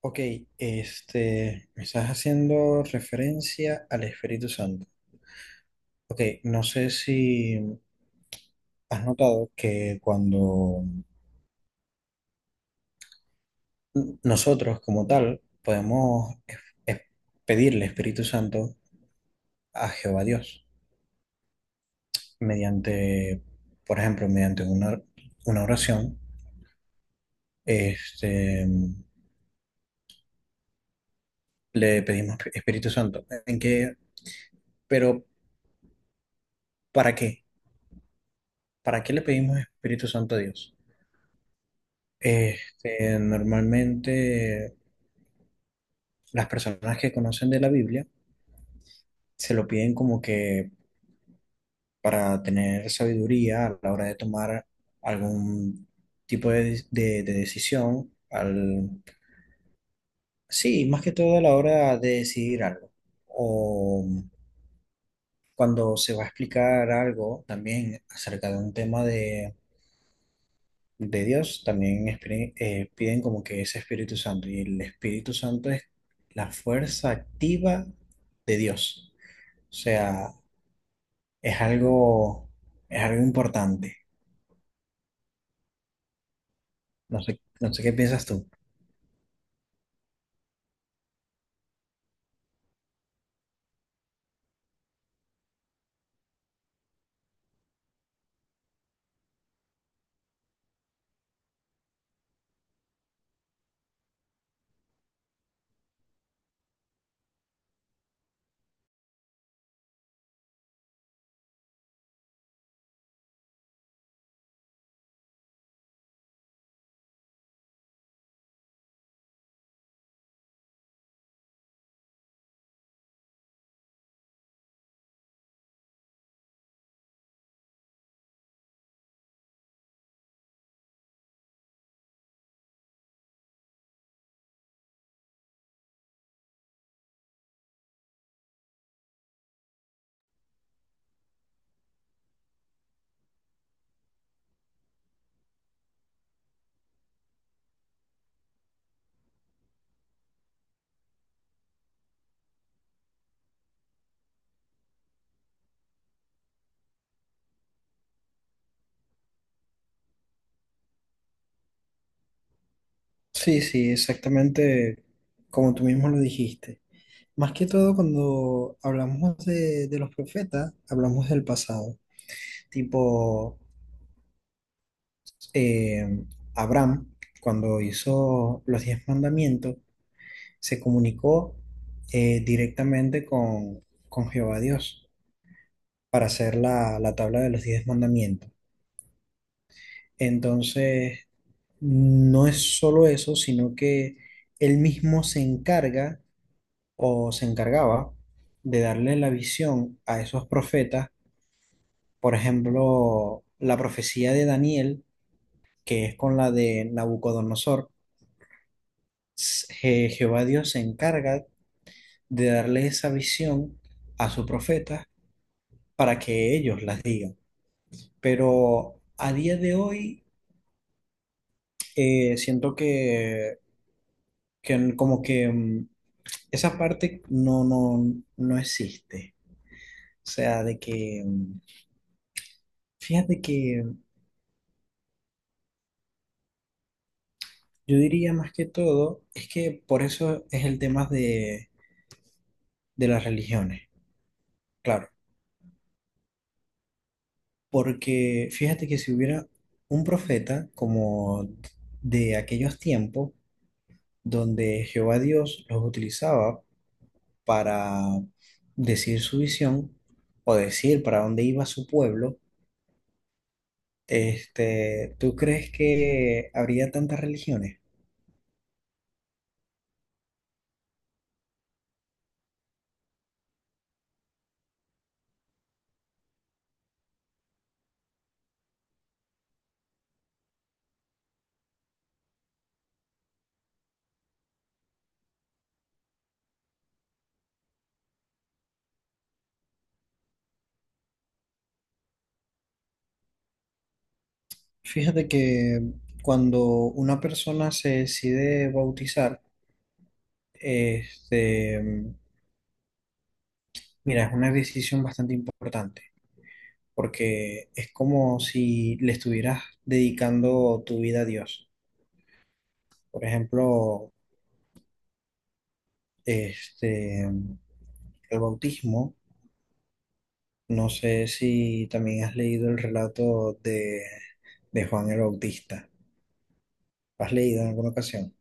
Ok, me estás haciendo referencia al Espíritu Santo. Ok, no sé si has notado que cuando nosotros como tal podemos es- pedirle Espíritu Santo a Jehová Dios mediante, por ejemplo, mediante una oración, este, le pedimos Espíritu Santo. ¿En qué? Pero ¿para qué? ¿Para qué le pedimos Espíritu Santo a Dios? Normalmente las personas que conocen de la Biblia se lo piden como que para tener sabiduría a la hora de tomar algún tipo de decisión, sí, más que todo a la hora de decidir algo. O cuando se va a explicar algo también acerca de un tema de Dios, también piden como que ese Espíritu Santo. Y el Espíritu Santo es la fuerza activa de Dios. O sea, es algo, es algo importante. No sé qué piensas tú. Sí, sí, exactamente como tú mismo lo dijiste. Más que todo cuando hablamos de los profetas, hablamos del pasado. Tipo, eh, Abraham, cuando hizo los 10 mandamientos, se comunicó, directamente con Jehová Dios para hacer la tabla de los 10 mandamientos. Entonces, no es solo eso, sino que él mismo se encarga o se encargaba de darle la visión a esos profetas. Por ejemplo, la profecía de Daniel, que es con la de Nabucodonosor, Jehová Dios se encarga de darle esa visión a su profeta para que ellos las digan. Pero a día de hoy, siento que como que esa parte no, no, no existe. O sea, de que, fíjate que yo diría más que todo, es que por eso es el tema de las religiones, claro. Porque fíjate que si hubiera un profeta como de aquellos tiempos donde Jehová Dios los utilizaba para decir su visión o decir para dónde iba su pueblo, ¿tú crees que habría tantas religiones? Fíjate que cuando una persona se decide bautizar, este, mira, es una decisión bastante importante, porque es como si le estuvieras dedicando tu vida a Dios. Por ejemplo, este, el bautismo. No sé si también has leído el relato de Juan el Bautista. ¿Has leído en alguna ocasión?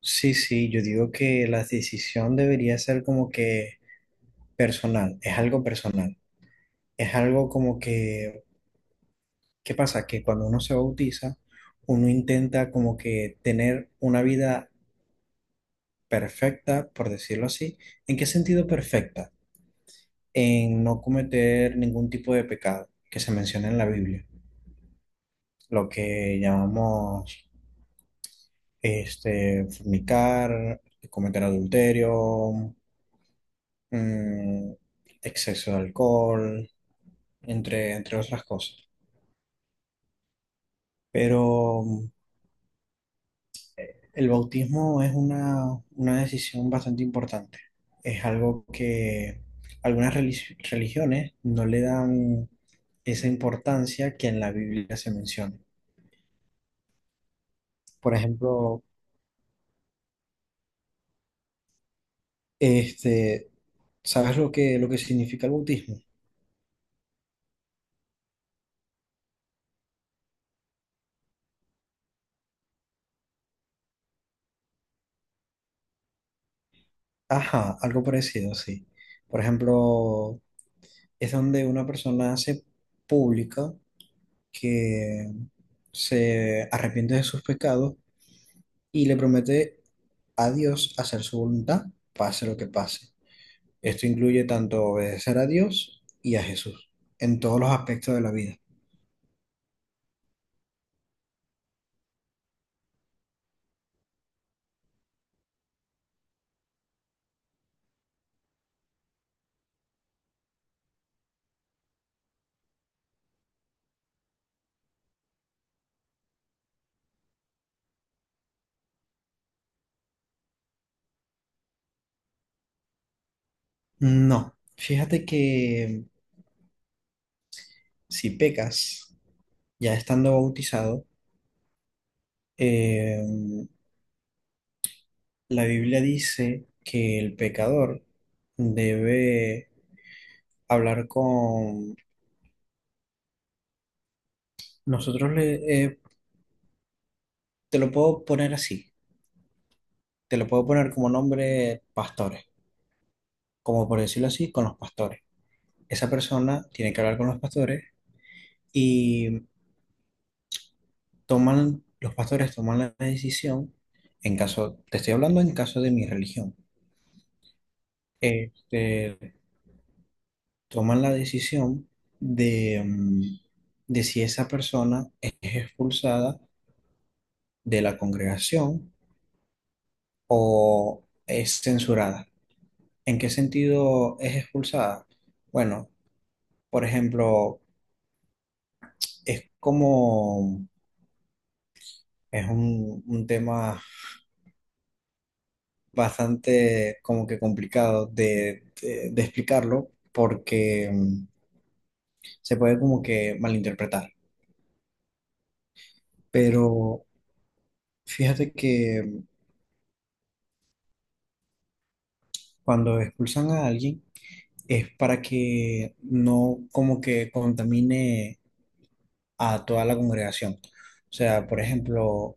Sí, sí, yo digo que la decisión debería ser como que personal, es algo como que, ¿qué pasa? Que cuando uno se bautiza, uno intenta como que tener una vida perfecta, por decirlo así. ¿En qué sentido perfecta? En no cometer ningún tipo de pecado que se menciona en la Biblia, lo que llamamos, fornicar, cometer adulterio, mm, exceso de alcohol, entre otras cosas. Pero, el bautismo es una decisión bastante importante. Es algo que algunas religiones no le dan esa importancia que en la Biblia se menciona. Por ejemplo, Este, ¿sabes lo que significa el bautismo? Ajá, algo parecido, sí. Por ejemplo, es donde una persona hace pública que se arrepiente de sus pecados y le promete a Dios hacer su voluntad, pase lo que pase. Esto incluye tanto obedecer a Dios y a Jesús en todos los aspectos de la vida. No, fíjate que si pecas ya estando bautizado, eh, la Biblia dice que el pecador debe hablar con... Nosotros le, eh, te lo puedo poner así, te lo puedo poner como nombre pastores, como por decirlo así, con los pastores. Esa persona tiene que hablar con los pastores y los pastores toman la decisión, en caso, te estoy hablando en caso de mi religión, este, toman la decisión de, mm, de si esa persona es expulsada de la congregación o es censurada. ¿En qué sentido es expulsada? Bueno, por ejemplo, es como, es un tema bastante como que complicado de explicarlo porque, se puede como que malinterpretar. Pero fíjate que cuando expulsan a alguien es para que no como que contamine a toda la congregación. O sea, por ejemplo,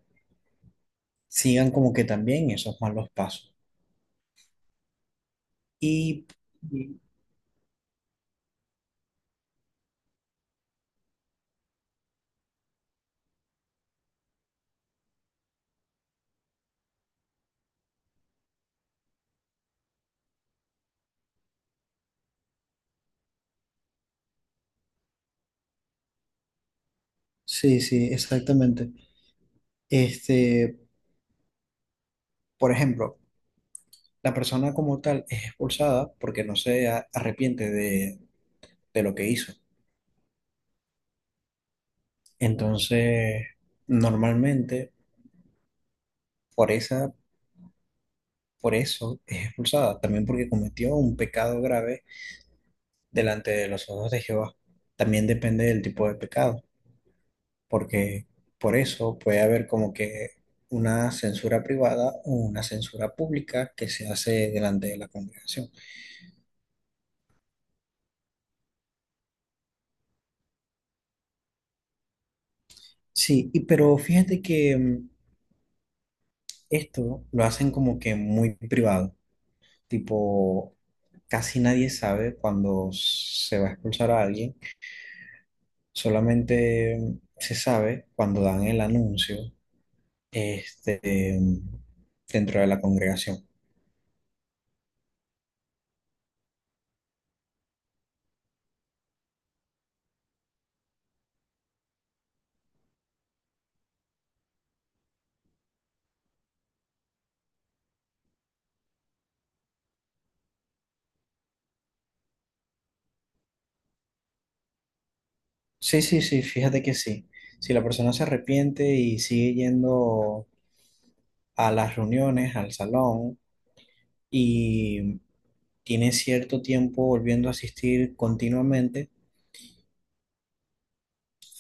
sigan como que también esos malos pasos. Y sí, sí, exactamente. Este, por ejemplo, la persona como tal es expulsada porque no se arrepiente de lo que hizo. Entonces, normalmente por esa, por eso es expulsada, también porque cometió un pecado grave delante de los ojos de Jehová. También depende del tipo de pecado. Porque por eso puede haber como que una censura privada o una censura pública que se hace delante de la congregación. Sí, y, pero fíjate que, esto lo hacen como que muy privado, tipo, casi nadie sabe cuando se va a expulsar a alguien, solamente, se sabe cuando dan el anuncio, este, mm, dentro de la congregación. Sí, sí, sí, fíjate que sí. Si la persona se arrepiente y sigue yendo a las reuniones, al salón, y tiene cierto tiempo volviendo a asistir continuamente,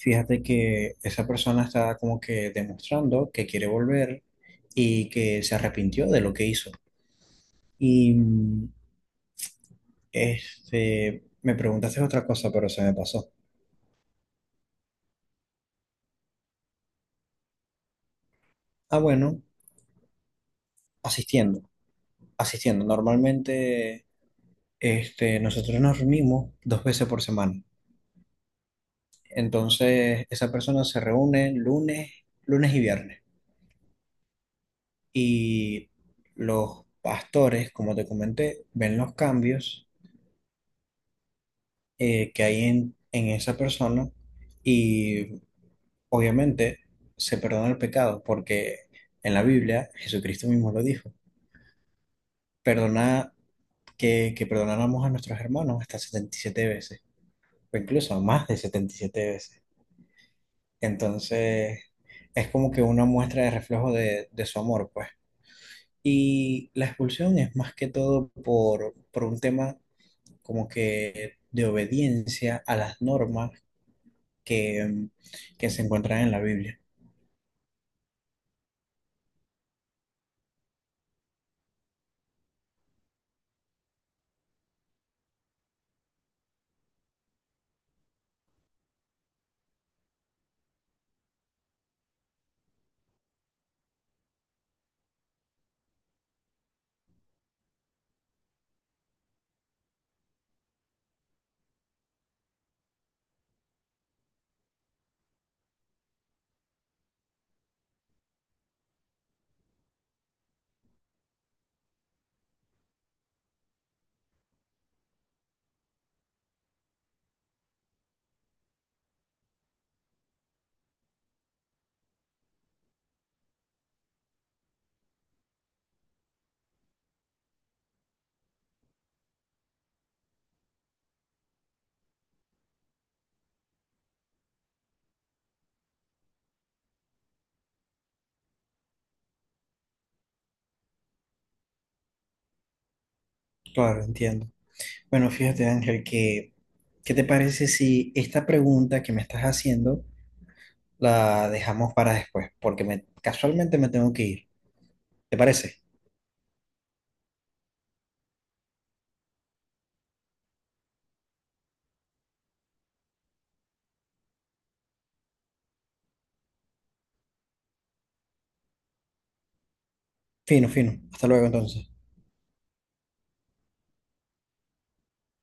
fíjate que esa persona está como que demostrando que quiere volver y que se arrepintió de lo que hizo. Y, me preguntaste otra cosa, pero se me pasó. Ah, bueno, asistiendo, asistiendo. Normalmente, nosotros nos reunimos dos veces por semana. Entonces, esa persona se reúne lunes, lunes y viernes. Y los pastores, como te comenté, ven los cambios, que hay en esa persona, y obviamente se perdona el pecado, porque en la Biblia Jesucristo mismo lo dijo. Perdona que perdonáramos a nuestros hermanos hasta 77 veces, o incluso más de 77 veces. Entonces, es como que una muestra de reflejo de su amor, pues. Y la expulsión es más que todo por un tema como que de obediencia a las normas que, que se encuentran en la Biblia. Claro, entiendo. Bueno, fíjate, Ángel, que, ¿qué te parece si esta pregunta que me estás haciendo la dejamos para después? Porque me, casualmente me tengo que ir. ¿Te parece? Fino, fino. Hasta luego entonces.